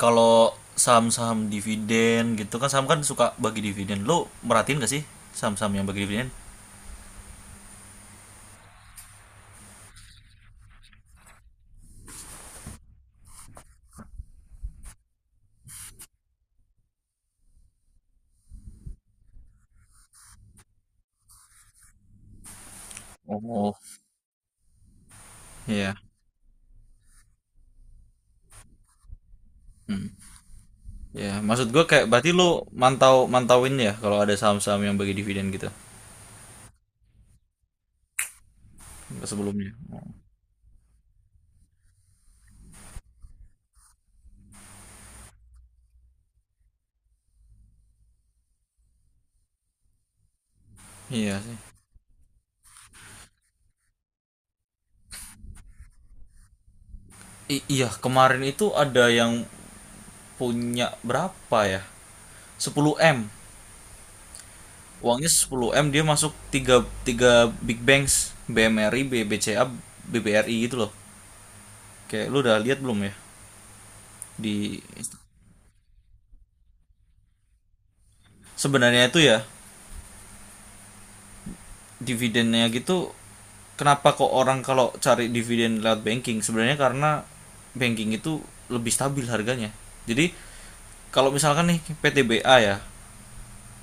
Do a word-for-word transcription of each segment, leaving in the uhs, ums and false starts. Kalau saham-saham dividen gitu kan, saham kan suka bagi dividen. Lo merhatiin gak sih saham-saham yang bagi dividen? Oh, iya. Hmm. Ya, maksud gue kayak berarti lo mantau mantauin ya kalau ada saham-saham yang bagi dividen gitu sebelumnya. Oh, iya sih. I- iya, kemarin itu ada yang punya berapa ya? Sepuluh m. Uangnya sepuluh m, dia masuk tiga tiga big banks, B M R I, B B C A, B B R I gitu loh. Kayak lu udah lihat belum ya di sebenarnya itu ya dividennya gitu. Kenapa kok orang kalau cari dividen lewat banking? Sebenarnya karena banking itu lebih stabil harganya. Jadi kalau misalkan nih P T B A ya,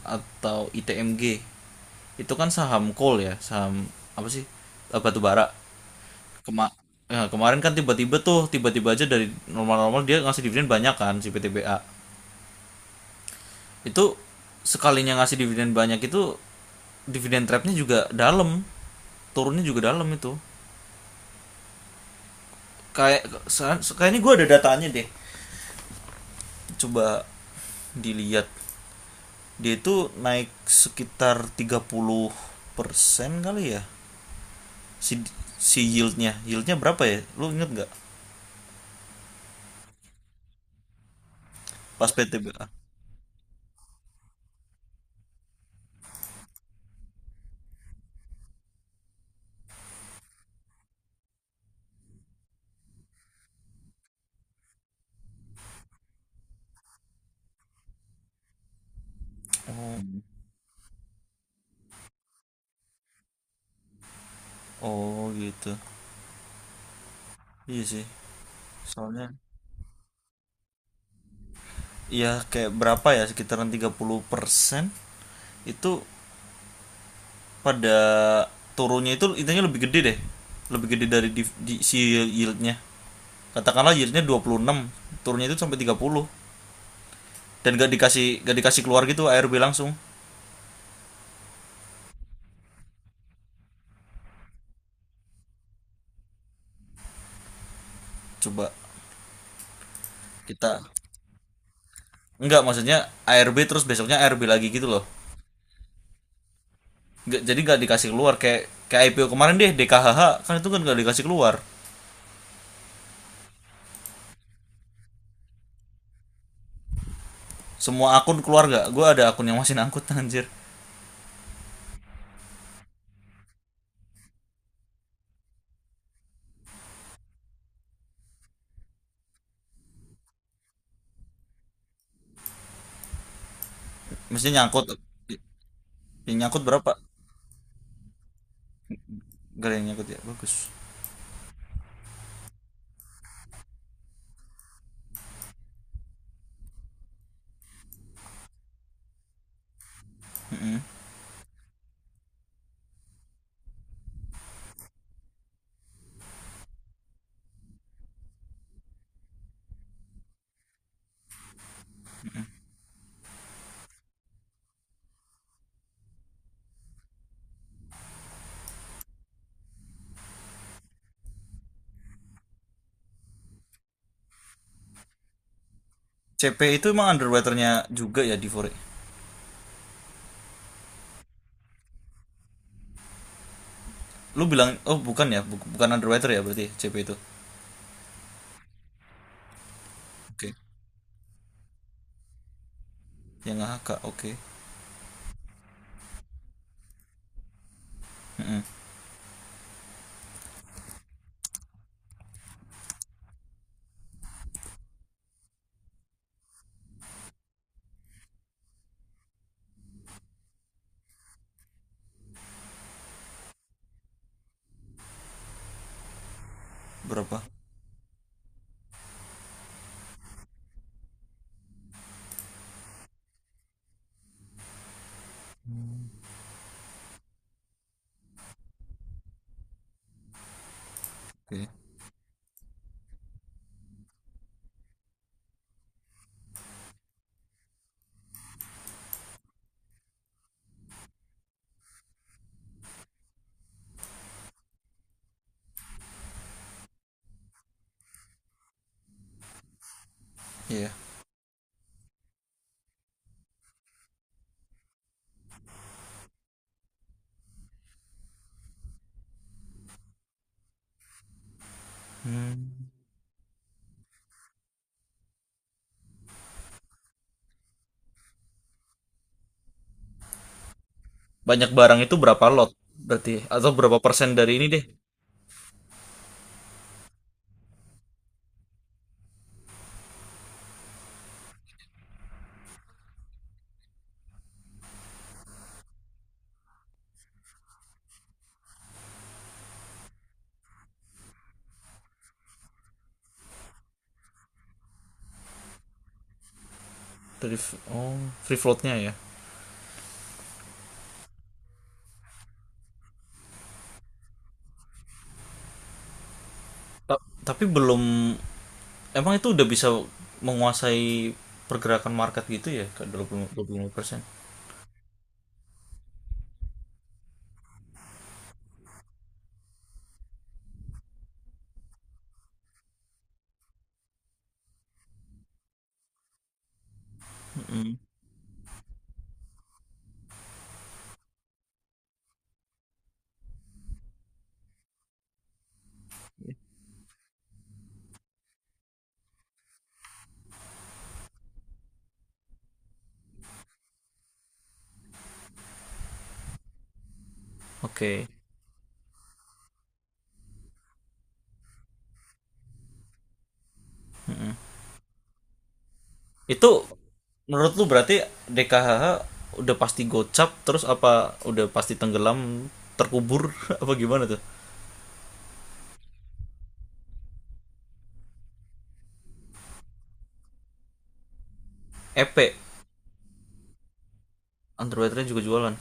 atau I T M G, itu kan saham coal ya, saham apa sih, eh, batu bara. Kema Ya, kemarin kan tiba-tiba tuh, tiba-tiba aja dari normal-normal dia ngasih dividen banyak kan si P T B A itu. Sekalinya ngasih dividen banyak itu, dividen trapnya juga dalam, turunnya juga dalam itu, kayak se- kayaknya gue ada datanya deh. Coba dilihat. Dia itu naik sekitar tiga puluh persen kali ya. Si si yieldnya yieldnya berapa ya, lu inget nggak pas P T B A? Oh. Oh gitu. Iya sih. Soalnya ya, kayak berapa ya, sekitaran tiga puluh persen itu pada turunnya. Itu intinya lebih gede deh, lebih gede dari di, di- si yieldnya. Katakanlah yieldnya dua puluh enam, turunnya itu sampai tiga puluh, dan gak dikasih gak dikasih keluar gitu, A R B langsung. Coba kita, enggak, maksudnya A R B terus besoknya A R B lagi gitu loh. Nggak- jadi gak dikasih keluar kayak kayak I P O kemarin deh, D K H H, kan itu kan gak dikasih keluar. Semua akun keluar gak? Gue ada akun yang masih ngangkut. Anjir. Maksudnya nyangkut. Yang nyangkut berapa? Gak ada yang nyangkut ya, bagus. C P itu emang underwaternya juga ya di Fore? Lu bilang, oh bukan ya, bu- bukan underwriter ya berarti C P itu. Oke. Yang A H K, oke. Berapa? Oke. Iya. Hmm. Banyak barang itu berapa lot berarti, atau berapa persen dari ini deh? Dari f- oh, free floatnya ya. Ta- tapi belum, emang itu udah bisa menguasai pergerakan market gitu ya, ke dua puluh, dua puluh lima persen? Mm-mm. Oke. Itu menurut lu berarti D K H H udah pasti gocap terus, apa udah pasti tenggelam terkubur apa gimana tuh? E P. Underwriter juga jualan.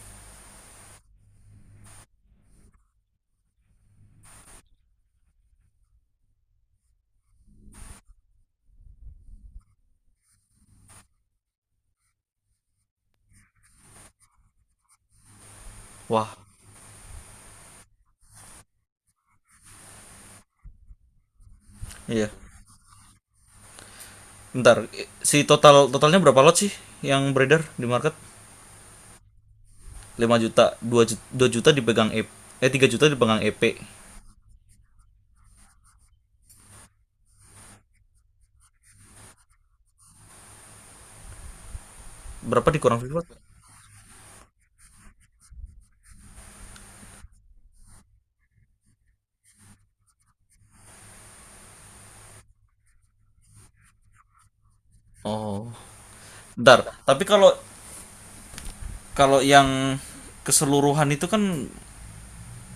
Wah, iya. Bentar, si total totalnya berapa lot sih yang beredar di market? Lima juta, dua juta, dua juta dipegang E P, eh tiga juta dipegang E P. Berapa dikurang freelot? Oh. Bentar, tapi kalau kalau yang keseluruhan itu kan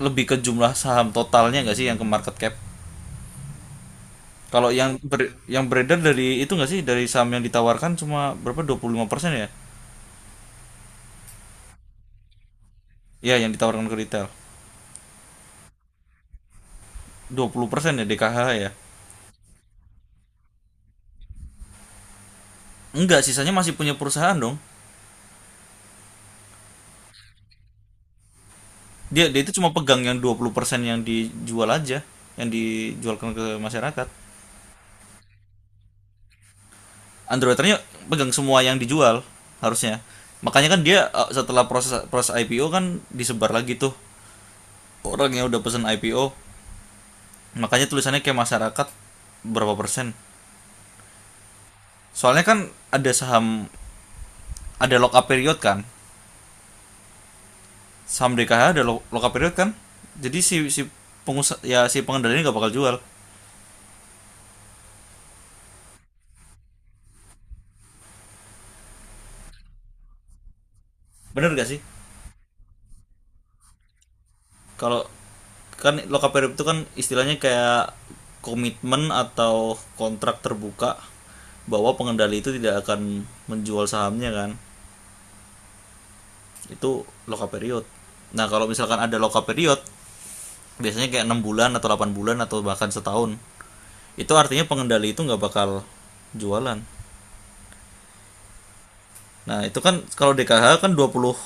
lebih ke jumlah saham totalnya nggak sih, yang ke market cap? Kalau yang ber- yang beredar dari itu nggak sih, dari saham yang ditawarkan cuma berapa, dua puluh lima persen ya? Ya, yang ditawarkan ke retail. Dua puluh persen ya D K H ya. Enggak, sisanya masih punya perusahaan dong. Dia dia itu cuma pegang yang dua puluh persen yang dijual aja, yang dijualkan ke masyarakat. Android pegang semua yang dijual harusnya. Makanya kan dia, eh, setelah proses proses I P O kan disebar lagi tuh, orang yang udah pesan I P O. Makanya tulisannya kayak masyarakat berapa persen. Soalnya kan ada saham, ada lock up period kan. Saham D K H ada lock up period kan. Jadi si si pengusaha ya si pengendalinya nggak bakal jual. Bener gak sih? Kalau, kan lokaperip itu kan istilahnya kayak komitmen atau kontrak terbuka bahwa pengendali itu tidak akan menjual sahamnya kan, itu loka period. Nah kalau misalkan ada loka period, biasanya kayak enam bulan atau delapan bulan atau bahkan setahun, itu artinya pengendali itu nggak bakal jualan. Nah itu kan kalau D K H kan dua puluh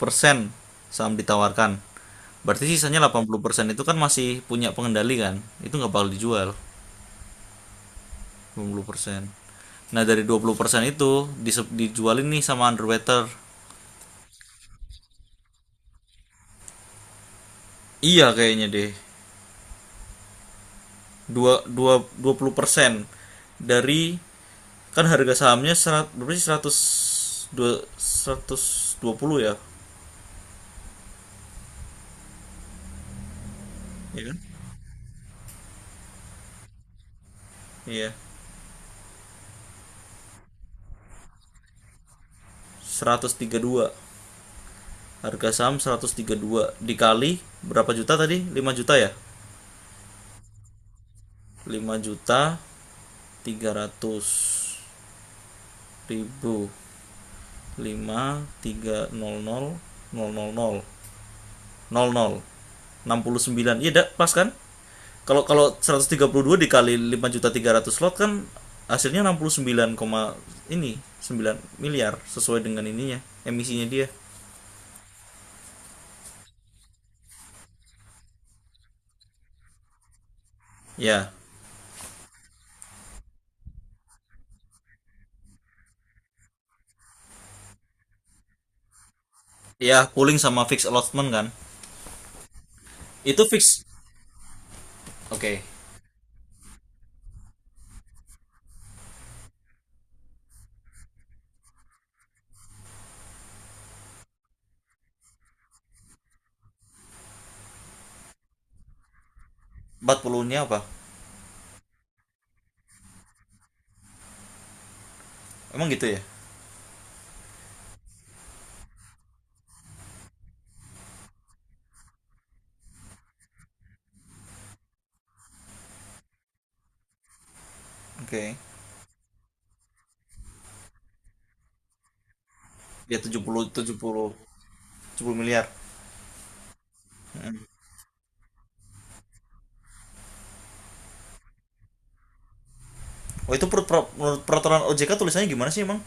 persen saham ditawarkan, berarti sisanya delapan puluh persen itu kan masih punya pengendali, kan itu nggak bakal dijual. Dua puluh persen. Nah, dari dua puluh persen itu disep- dijualin nih sama underwater. Iya kayaknya deh. Dua, dua, persen dari, kan harga sahamnya seratus berapa sih, seratus dua- ratus dua puluh ya? Iya kan? Iya. Seratus tiga puluh dua. Harga saham seratus tiga puluh dua dikali berapa juta tadi? Lima juta ya? Lima juta tiga ratus ribu. Lima tiga nol nol nol nol nol, enam puluh sembilan. Iya dak pas kan? Kalau kalau seratus tiga puluh dua dikali lima juta tiga ratus slot kan, hasilnya enam puluh sembilan koma ini sembilan miliar, sesuai dengan ininya emisinya dia. Ya. Ya, pooling sama fixed allotment kan, itu fix. Oke. Okay. Empat puluh nya apa? Emang gitu ya. Oke. Okay. Ya, tujuh tujuh puluh tujuh puluh tujuh puluh miliar. Mm. Oh itu per- per- menurut peraturan O J K tulisannya gimana sih emang?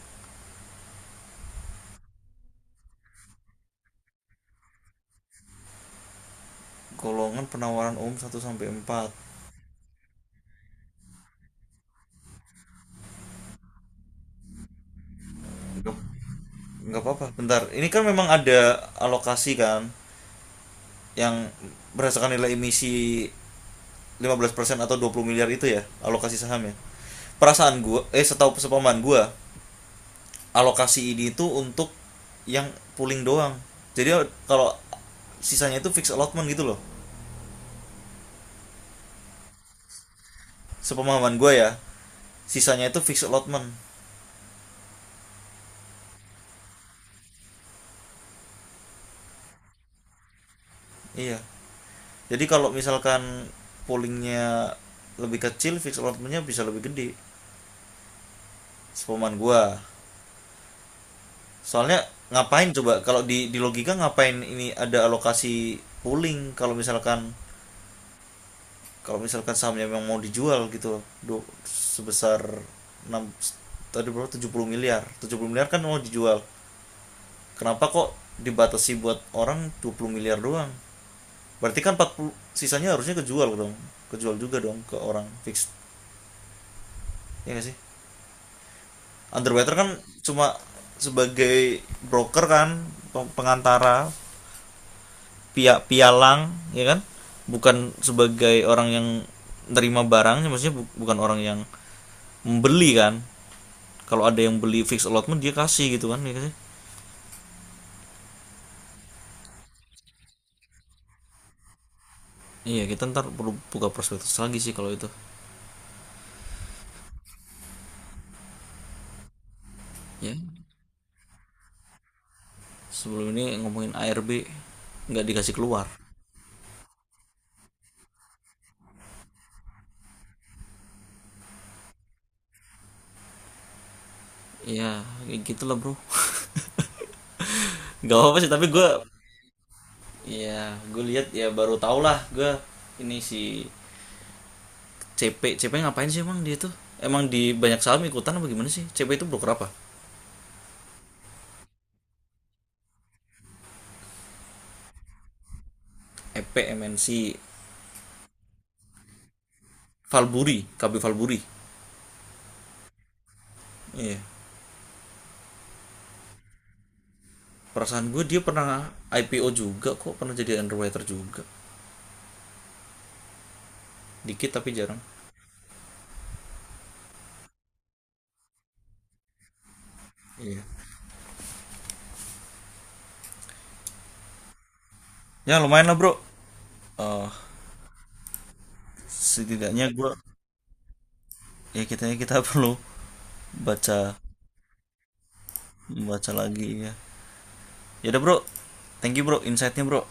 Golongan penawaran umum satu sampai empat. Nggak apa-apa bentar, ini kan memang ada alokasi kan yang berdasarkan nilai emisi lima belas persen atau dua puluh miliar, itu ya alokasi saham ya. Perasaan gua, eh, setahu sepaman gua, alokasi ini itu untuk yang pooling doang, jadi kalau sisanya itu fixed allotment gitu loh. Sepemahaman gua ya, sisanya itu fixed allotment. Iya, jadi kalau misalkan poolingnya lebih kecil, fixed allotmentnya bisa lebih gede. Sepemahaman gua. Soalnya ngapain coba, kalau di di logika, ngapain ini ada alokasi pooling kalau misalkan, kalau misalkan sahamnya memang mau dijual gitu loh. Sebesar enam, tadi berapa, tujuh puluh miliar. Tujuh puluh miliar kan mau dijual. Kenapa kok dibatasi buat orang dua puluh miliar doang? Berarti kan empat puluh sisanya harusnya kejual dong. Kejual juga dong ke orang fix. Ya nggak sih? Underwriter kan cuma sebagai broker kan, pengantara, pia pialang ya kan, bukan sebagai orang yang nerima barangnya, maksudnya bu- bukan orang yang membeli kan. Kalau ada yang beli fix allotment, dia kasih gitu kan, ya kan. Iya, kita ntar perlu buka prospektus lagi sih kalau itu. Ya, sebelum ini ngomongin A R B nggak dikasih keluar. Iya, kayak gitulah bro. Nggak apa sih tapi gue, ya gue lihat ya, baru tau lah gue, ini si C P C P ngapain sih emang dia tuh, emang di banyak saham ikutan apa, gimana sih C P itu? Broker apa? EP MNC, Valburi, K B Valburi. Iya perasaan gue dia pernah I P O juga kok, pernah jadi underwriter juga, dikit tapi jarang. Iya. Ya lumayan lah bro. Eh, setidaknya gue, ya kita kita perlu baca baca lagi ya. Ya udah bro, thank you bro insightnya bro.